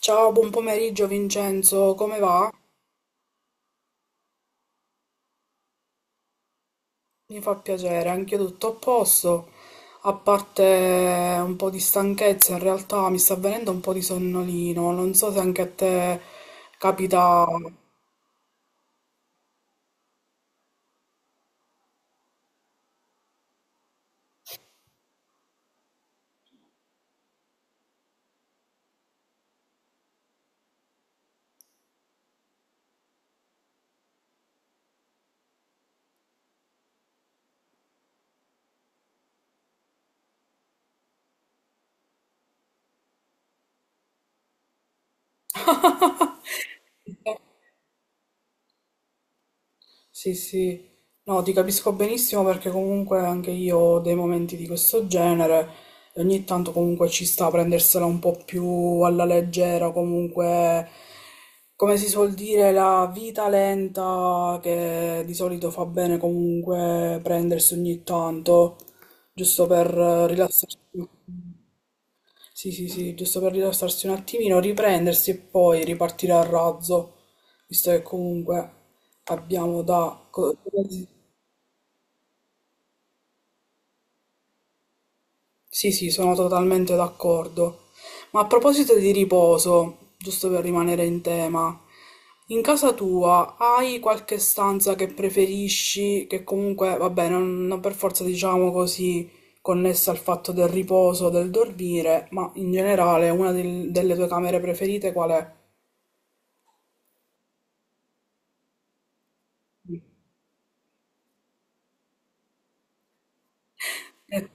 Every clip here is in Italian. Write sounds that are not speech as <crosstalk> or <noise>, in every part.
Ciao, buon pomeriggio Vincenzo, come va? Mi fa piacere, anch'io tutto a posto, a parte un po' di stanchezza, in realtà mi sta venendo un po' di sonnolino, non so se anche a te capita... <laughs> Sì, sì, no, ti capisco benissimo perché comunque anche io ho dei momenti di questo genere e ogni tanto comunque ci sta a prendersela un po' più alla leggera. Comunque, come si suol dire, la vita lenta che di solito fa bene comunque prendersi ogni tanto, giusto per rilassarsi. Sì, sì, sì, giusto per rilassarsi un attimino, riprendersi e poi ripartire a razzo, visto che comunque abbiamo da... co- Sì, sì, sono totalmente d'accordo. Ma a proposito di riposo, giusto per rimanere in tema, in casa tua hai qualche stanza che preferisci, che comunque, vabbè, non per forza diciamo così, connessa al fatto del riposo, del dormire, ma in generale una del- delle tue camere preferite qual è? E-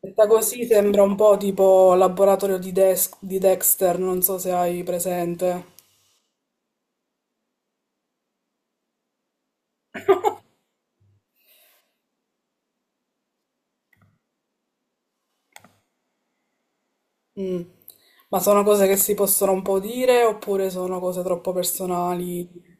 Detta così sembra un po' tipo laboratorio di, Dex- di Dexter, non so se hai presente. Mm. Ma sono cose che si possono un po' dire oppure sono cose troppo personali?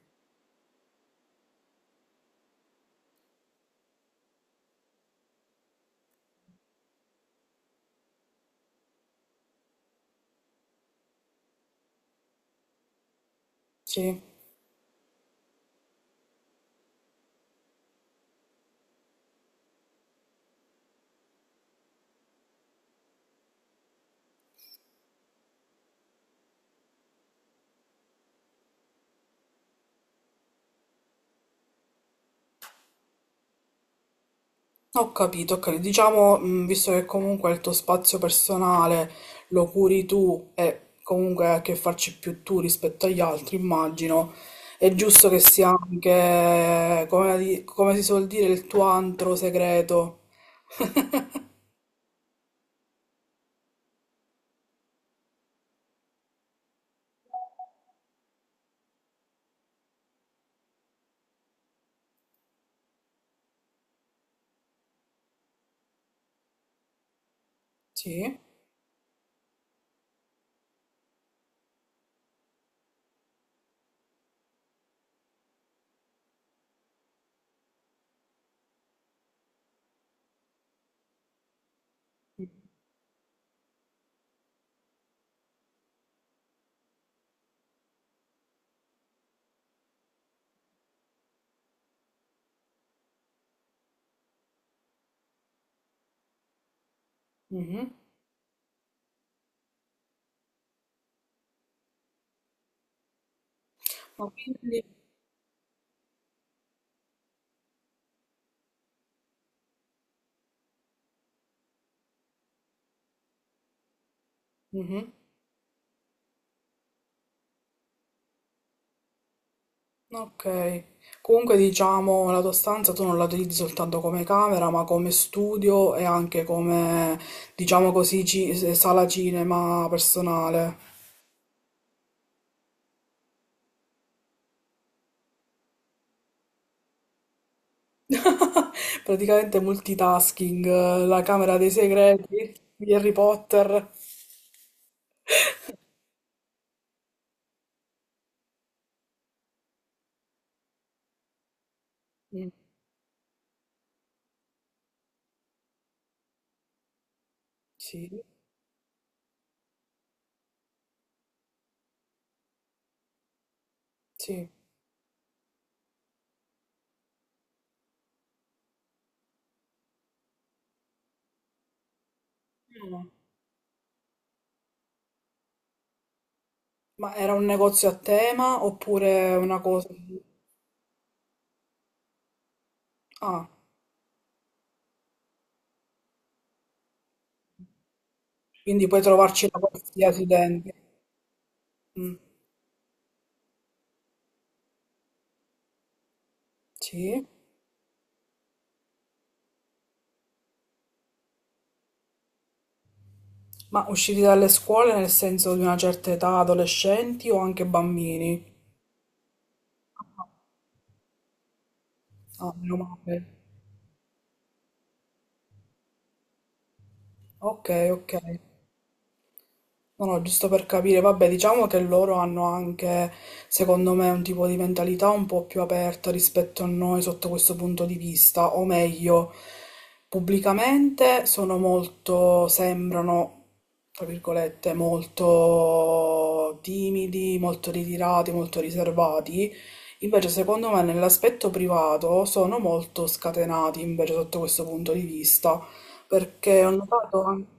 Sì, ho capito, ho capito. Diciamo, mm, visto che comunque il tuo spazio personale lo curi tu e comunque hai a che farci più tu rispetto agli altri, immagino, è giusto che sia anche, come, di- come si suol dire, il tuo antro segreto. Sì. Mhm. Ma quindi... Mhm. Ok, comunque diciamo la tua stanza tu non la utilizzi soltanto come camera, ma come studio e anche come, diciamo così, ci- sala cinema personale. <laughs> Praticamente multitasking, la camera dei segreti di Harry Potter. Mm, sì, sì. Mm. Ma era un negozio a tema oppure una cosa... Ah, quindi puoi trovarci da qualsiasi dentro. Mm, sì. Ma usciti dalle scuole nel senso di una certa età, adolescenti o anche bambini? Ah, meno male. Ok, ok. No, no, giusto per capire, vabbè, diciamo che loro hanno anche, secondo me, un tipo di mentalità un po' più aperta rispetto a noi sotto questo punto di vista, o meglio, pubblicamente sono molto, sembrano, tra virgolette, molto timidi, molto ritirati, molto riservati. Invece, secondo me, nell'aspetto privato sono molto scatenati, invece, sotto questo punto di vista, perché ho notato anche...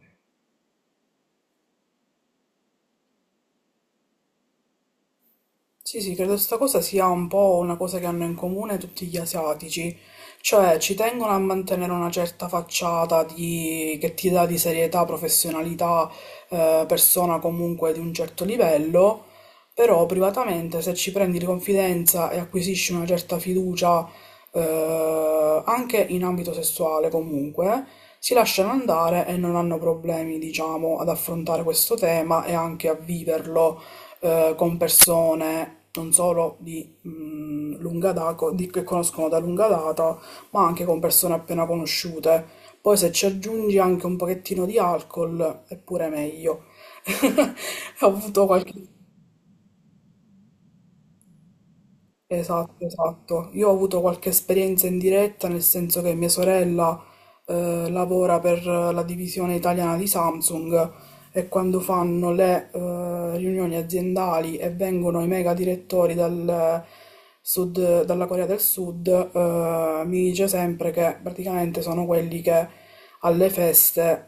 Sì, sì, credo sta cosa sia un po' una cosa che hanno in comune tutti gli asiatici, cioè ci tengono a mantenere una certa facciata di... che ti dà di serietà, professionalità, persona comunque di un certo livello, però privatamente se ci prendi di confidenza e acquisisci una certa fiducia, anche in ambito sessuale comunque, si lasciano andare e non hanno problemi, diciamo, ad affrontare questo tema e anche a viverlo con persone non solo di lunga data, di, che conoscono da lunga data, ma anche con persone appena conosciute. Poi se ci aggiungi anche un pochettino di alcol, è pure meglio. <laughs> Ho avuto qualche esatto, esatto. Io ho avuto qualche esperienza in diretta, nel senso che mia sorella lavora per la divisione italiana di Samsung e quando fanno le riunioni aziendali e vengono i mega direttori dal sud, dalla Corea del Sud, mi dice sempre che praticamente sono quelli che alle feste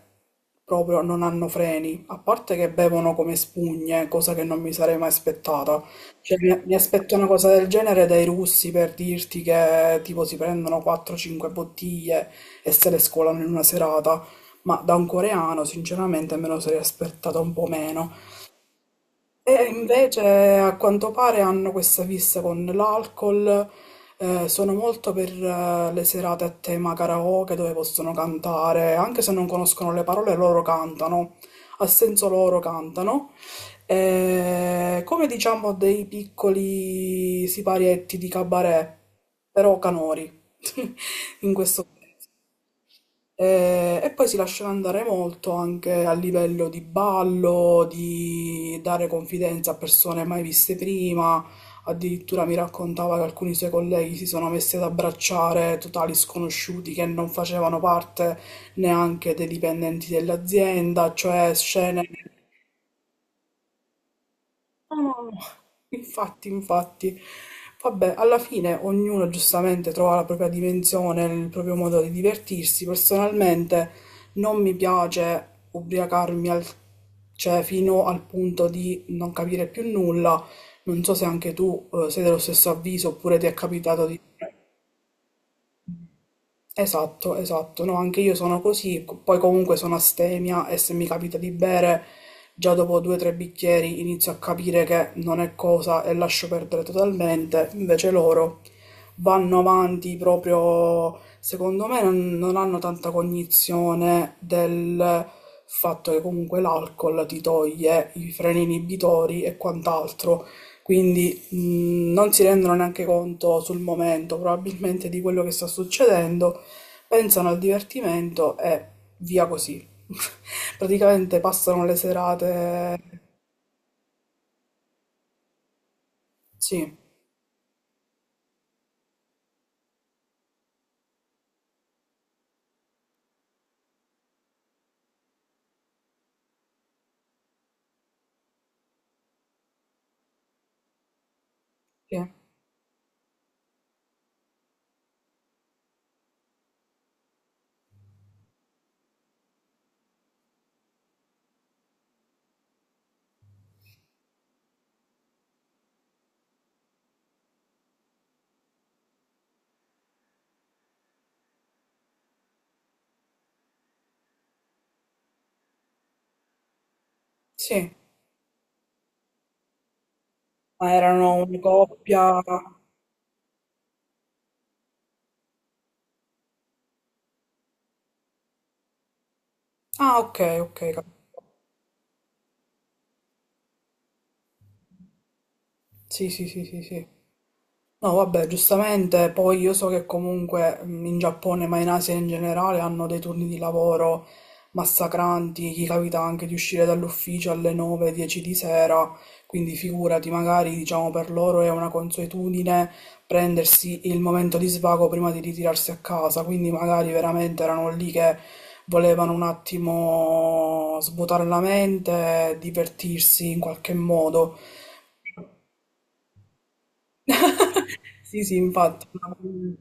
proprio non hanno freni, a parte che bevono come spugne, cosa che non mi sarei mai aspettata. Cioè, mi aspetto una cosa del genere dai russi per dirti che tipo si prendono 4-5 bottiglie e se le scolano in una serata, ma da un coreano sinceramente me lo sarei aspettata un po' meno. E invece a quanto pare hanno questa fissa con l'alcol, sono molto per le serate a tema karaoke dove possono cantare, anche se non conoscono le parole, loro cantano, a senso loro cantano. Come diciamo dei piccoli siparietti di cabaret, però canori <laughs> in questo e, poi si lasciava andare molto anche a livello di ballo, di dare confidenza a persone mai viste prima. Addirittura mi raccontava che alcuni suoi colleghi si sono messi ad abbracciare totali sconosciuti che non facevano parte neanche dei dipendenti dell'azienda, cioè scene. No, no, no. Infatti, infatti, vabbè, alla fine ognuno giustamente trova la propria dimensione, il proprio modo di divertirsi. Personalmente non mi piace ubriacarmi al- cioè, fino al punto di non capire più nulla. Non so se anche tu, sei dello stesso avviso oppure ti è capitato di... Esatto, esatto. No, anche io sono così, co- poi comunque sono astemia e se mi capita di bere, già dopo 2 o 3 bicchieri inizio a capire che non è cosa e lascio perdere totalmente. Invece loro vanno avanti proprio, secondo me, non hanno tanta cognizione del fatto che comunque l'alcol ti toglie i freni inibitori e quant'altro. Quindi non si rendono neanche conto sul momento, probabilmente, di quello che sta succedendo, pensano al divertimento e via così. <laughs> Praticamente passano le serate. Sì, sì, sì. Ma erano una coppia. Ah, ok, ok. cap- Sì, sì, sì, sì, sì. No, vabbè, giustamente, poi io so che comunque in Giappone, ma in Asia in generale, hanno dei turni di lavoro massacranti, chi capita anche di uscire dall'ufficio alle 9, 10 di sera, quindi figurati, magari diciamo per loro è una consuetudine prendersi il momento di svago prima di ritirarsi a casa, quindi magari veramente erano lì che volevano un attimo svuotare la mente, divertirsi in qualche modo. Sì, sì, infatti, ma, mm,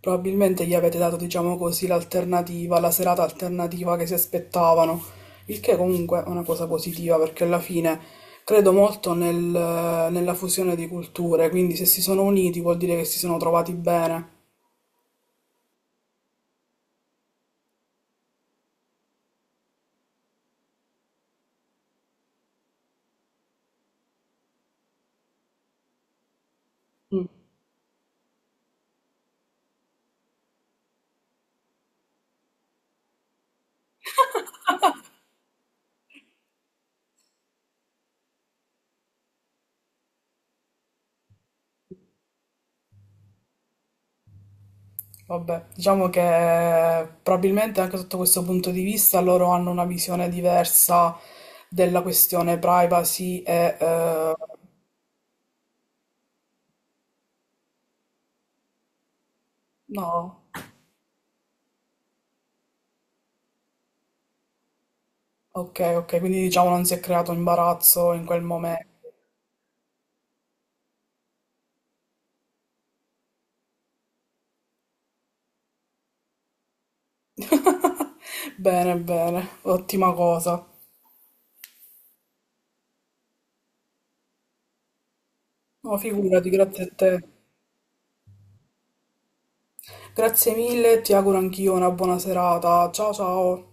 probabilmente gli avete dato, diciamo così, l'alternativa, la serata alternativa che si aspettavano, il che comunque è una cosa positiva perché alla fine credo molto nel- nella fusione di culture, quindi se si sono uniti vuol dire che si sono trovati bene. Mm, vabbè, diciamo che probabilmente anche sotto questo punto di vista loro hanno una visione diversa della questione privacy e no. Ok, ok, quindi diciamo non si è creato imbarazzo in quel momento. <laughs> Bene, bene, ottima cosa. No, figurati, grazie a te. Grazie mille, ti auguro anch'io una buona serata. Ciao ciao.